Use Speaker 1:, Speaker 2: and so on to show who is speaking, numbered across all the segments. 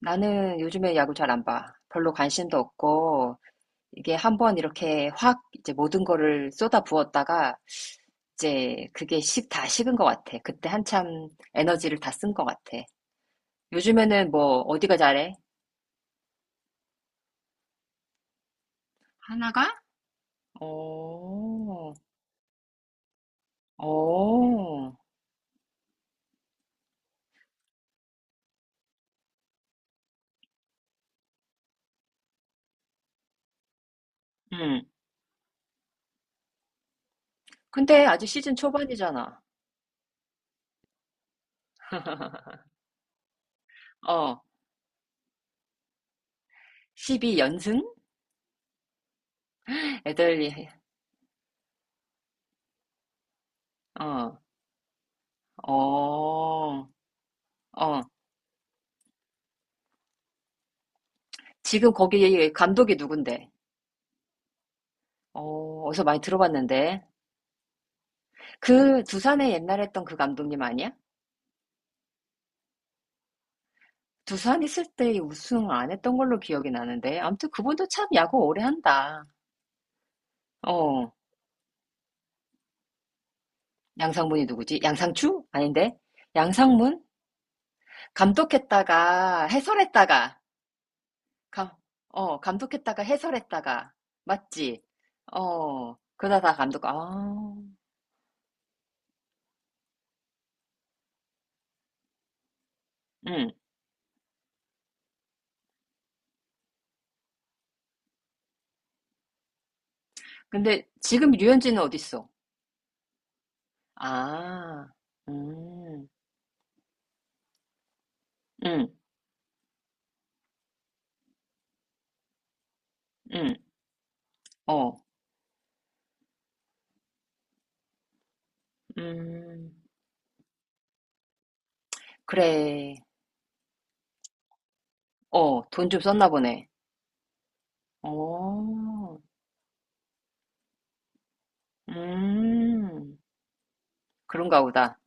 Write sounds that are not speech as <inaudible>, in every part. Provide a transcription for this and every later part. Speaker 1: 나는 요즘에 야구 잘 안 봐. 별로 관심도 없고, 이게 한번 이렇게 확 이제 모든 거를 쏟아부었다가, 이제 그게 다 식은 것 같아. 그때 한참 에너지를 다 쓴 것 같아. 요즘에는 뭐, 어디가 잘해? 하나가? 오, 오, 음. 근데 아직 시즌 초반이잖아. <laughs> 어, 12연승? 애들, 이 어, 어, 어. 지금 거기 감독이 누군데? 어, 어디서 많이 들어봤는데. 그 두산에 옛날에 했던 그 감독님 아니야? 두산 있을 때 우승 안 했던 걸로 기억이 나는데. 아무튼 그분도 참 야구 오래 한다. 어, 양상문이 누구지? 양상추? 아닌데? 양상문? 감독했다가 해설했다가 감, 감독했다가 해설했다가 맞지? 어, 응. 근데 지금 류현진은 어딨어? 아, 음, 응, 응, 어. 음. 그래. 어, 돈 좀 썼나 보네. 어. 음. 그런가 보다.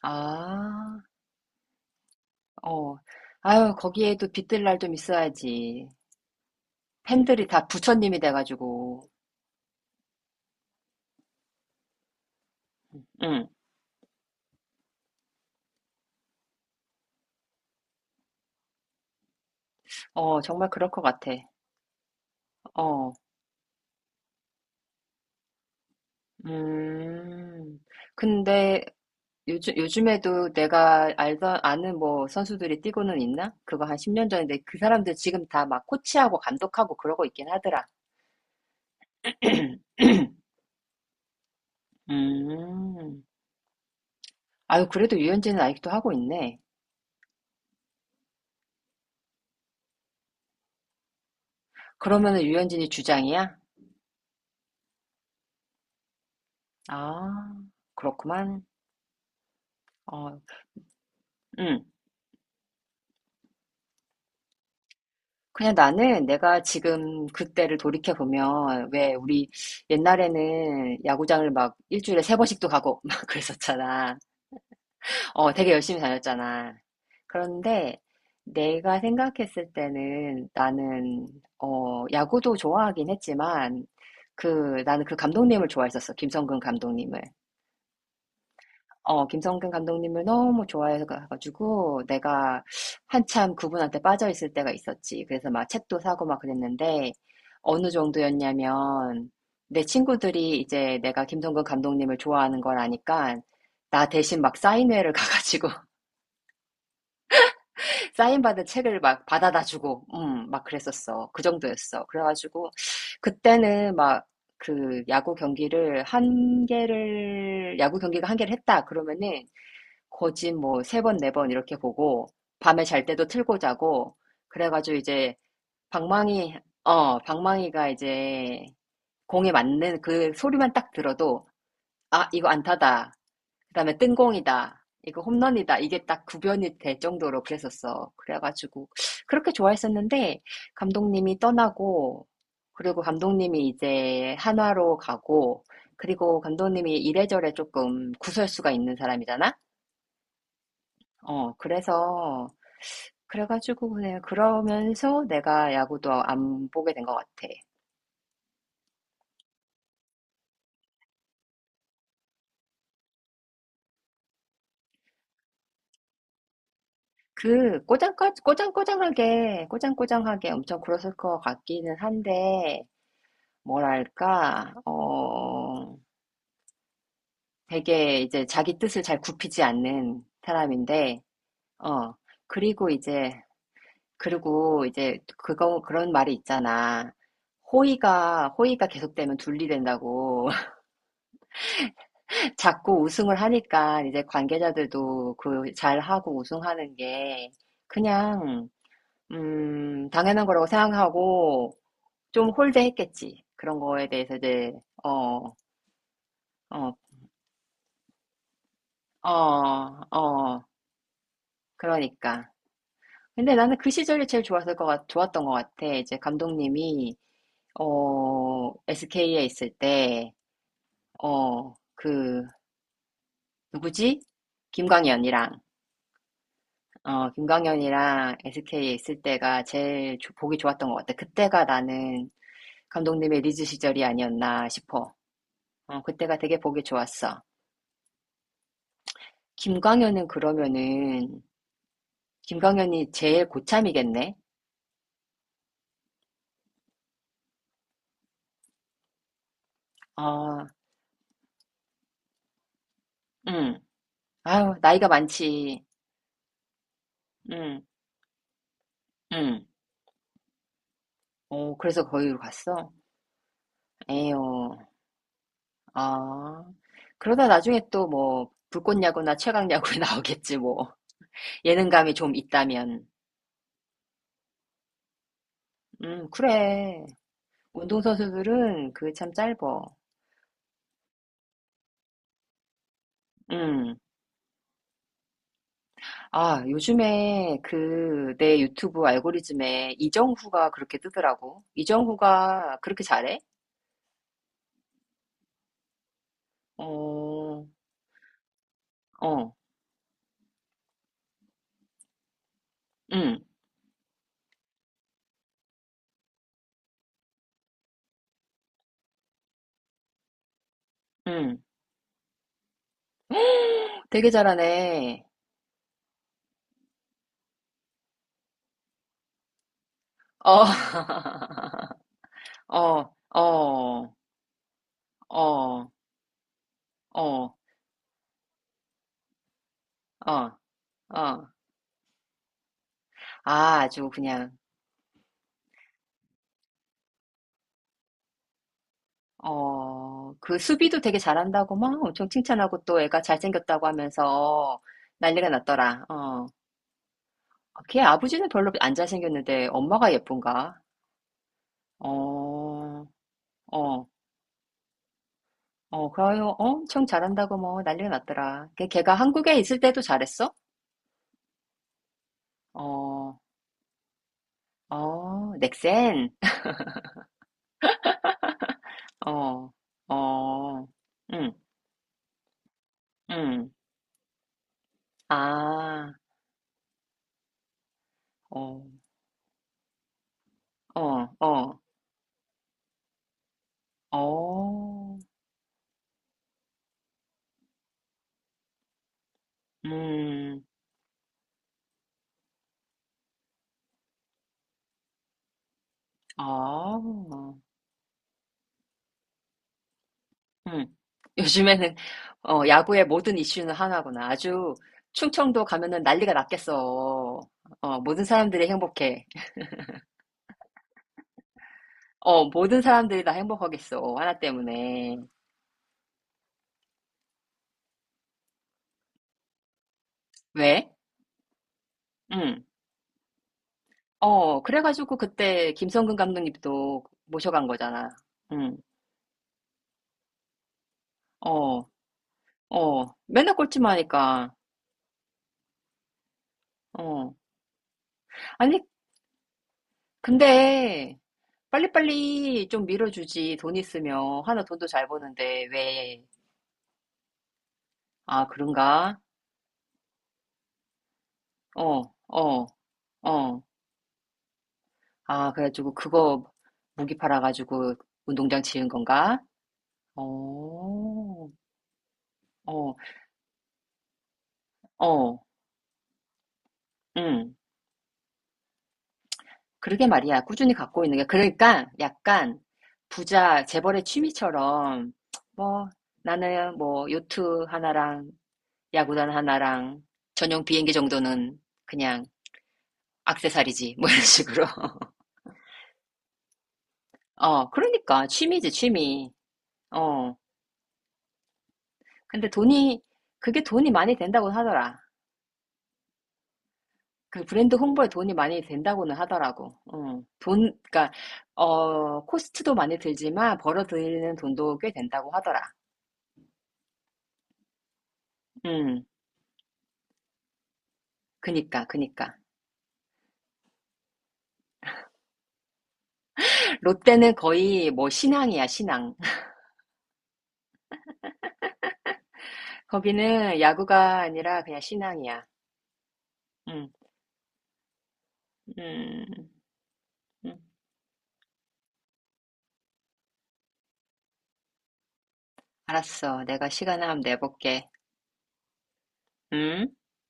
Speaker 1: 아. 어. 아유, 거기에도 빚들 날 좀 있어야지. 팬들이 다 부처님이 돼가지고. 응. 어, 정말 그럴 것 같아. 어. 음. 근데 요즘에도 내가 아는 뭐 선수들이 뛰고는 있나? 그거 한 10년 전인데 그 사람들 지금 다 막 코치하고 감독하고 그러고 있긴 하더라. <clears throat> 음. 아유, 그래도 유현진은 아직도 하고 있네. 그러면은 유현진이 주장이야? 아, 그렇구만. 어, 음. 그냥 나는 내가 지금 그때를 돌이켜보면, 왜 우리 옛날에는 야구장을 막 일주일에 세 번씩도 가고 <laughs> 막 그랬었잖아. 어, 되게 열심히 다녔잖아. 그런데 내가 생각했을 때는 나는, 야구도 좋아하긴 했지만, 그, 나는 그 감독님을 좋아했었어. 김성근 감독님을. 어 김성근 감독님을 너무 좋아해 가 가지고 내가 한참 그분한테 빠져 있을 때가 있었지. 그래서 막 책도 사고 막 그랬는데 어느 정도였냐면 내 친구들이 이제 내가 김성근 감독님을 좋아하는 걸 아니까 나 대신 막 사인회를 <laughs> 가 가지고 <laughs> 사인받은 책을 막 받아다 주고 막 그랬었어. 그 정도였어. 그래 가지고 그때는 막 그 야구 경기가 한 개를 했다 그러면은 거진 뭐 3번 4번 이렇게 보고 밤에 잘 때도 틀고 자고 그래 가지고 이제 방망이 방망이가 이제 공에 맞는 그 소리만 딱 들어도 아, 이거 안타다. 그다음에 뜬공이다. 이거 홈런이다. 이게 딱 구별이 될 정도로 그랬었어. 그래 가지고 그렇게 좋아했었는데 감독님이 떠나고 그리고 감독님이 이제 한화로 가고 그리고 감독님이 이래저래 조금 구설수가 있는 사람이잖아. 어, 그래서 그래 가지고 그냥 그러면서 내가 야구도 안 보게 된 것 같아. 그 꼬장꼬장하게 엄청 굴었을 것 같기는 한데 뭐랄까 되게 이제 자기 뜻을 잘 굽히지 않는 사람인데 어 그리고 이제 그리고 이제 그거 그런 말이 있잖아. 호의가 계속되면 둘리 된다고. 자꾸 우승을 하니까 이제 관계자들도 그 잘하고 우승하는 게 그냥 당연한 거라고 생각하고 좀 홀대했겠지. 그런 거에 대해서 이제 어, 어, 어, 어, 그러니까. 근데 나는 그 시절이 제일 좋았던 것 같아. 이제 감독님이 SK에 있을 때 어, 그 누구지? 김광현이랑 김광현이랑 SK에 있을 때가 제일 보기 좋았던 것 같아. 그때가 나는 감독님의 리즈 시절이 아니었나 싶어. 어, 그때가 되게 보기 좋았어. 김광현은 그러면은, 김광현이 제일 고참이겠네? 어, 응. 아유, 나이가 많지. 응, 응. 어, 그래서 거기로 갔어? 에요. 아. 그러다 나중에 또 뭐, 불꽃야구나 최강야구에 <laughs> 나오겠지, 뭐. 예능감이 좀 있다면. 그래. 운동선수들은 그게 참 짧어. 음. 아, 요즘에 그 내 유튜브 알고리즘에 이정후가 그렇게 뜨더라고. 이정후가 그렇게 잘해? 어, 어, 음, 음. 되게 잘하네. 어, <laughs> 어, 어, 어, 어, 어, 어. 아, 아주 그냥, 어, 그 수비도 되게 잘한다고 막 엄청 칭찬하고 또 애가 잘생겼다고 하면서 난리가 났더라. 어, 아, 걔 아버지는 별로 안 잘생겼는데 엄마가 예쁜가? 어, 어, 어, 그래요. 엄청 잘한다고 뭐 난리가 났더라. 걔가 한국에 있을 때도 잘했어? 어, 어, 넥센? 어, 어, 응, 응. 아, 어, 어, 어, 어, 음, 어. 음. 요즘에는 야구의 모든 이슈는 하나구나. 아주 충청도 가면은 난리가 났겠어. 어, 모든 사람들이 행복해. 어, 모든 사람들이 다 행복하겠어. 하나 때문에. 왜? 응. 어, 그래가지고 그때 김성근 감독님도 모셔간 거잖아. 응. 어, 어. 맨날 꼴찌만 하니까. 어. 아니, 근데 빨리빨리 좀 밀어주지. 돈 있으면. 하나 돈도 잘 버는데. 왜? 아, 그런가? 어, 어, 어. 아, 그래가지고 그거 무기 팔아가지고 운동장 지은 건가? 어, 어, 어, 응. 그러게 말이야. 꾸준히 갖고 있는 게. 그러니까 약간 부자 재벌의 취미처럼 뭐 나는 뭐 요트 하나랑 야구단 하나랑 전용 비행기 정도는 그냥 악세사리지 뭐 이런 식으로. <laughs> 어, 그러니까 취미지, 취미. 어. 근데 돈이 그게 돈이 많이 된다고 하더라. 그 브랜드 홍보에 돈이 많이 된다고는 하더라고. 응. 그러니까 코스트도 많이 들지만 벌어들이는 돈도 꽤 된다고 하더라. 음 그니까, 그니까. 롯데는 거의 뭐 신앙이야, 신앙. <laughs> 거기는 야구가 아니라 그냥 신앙이야. 응, 음, 음. 음. 알았어. 내가 시간 한면 내볼게. 음.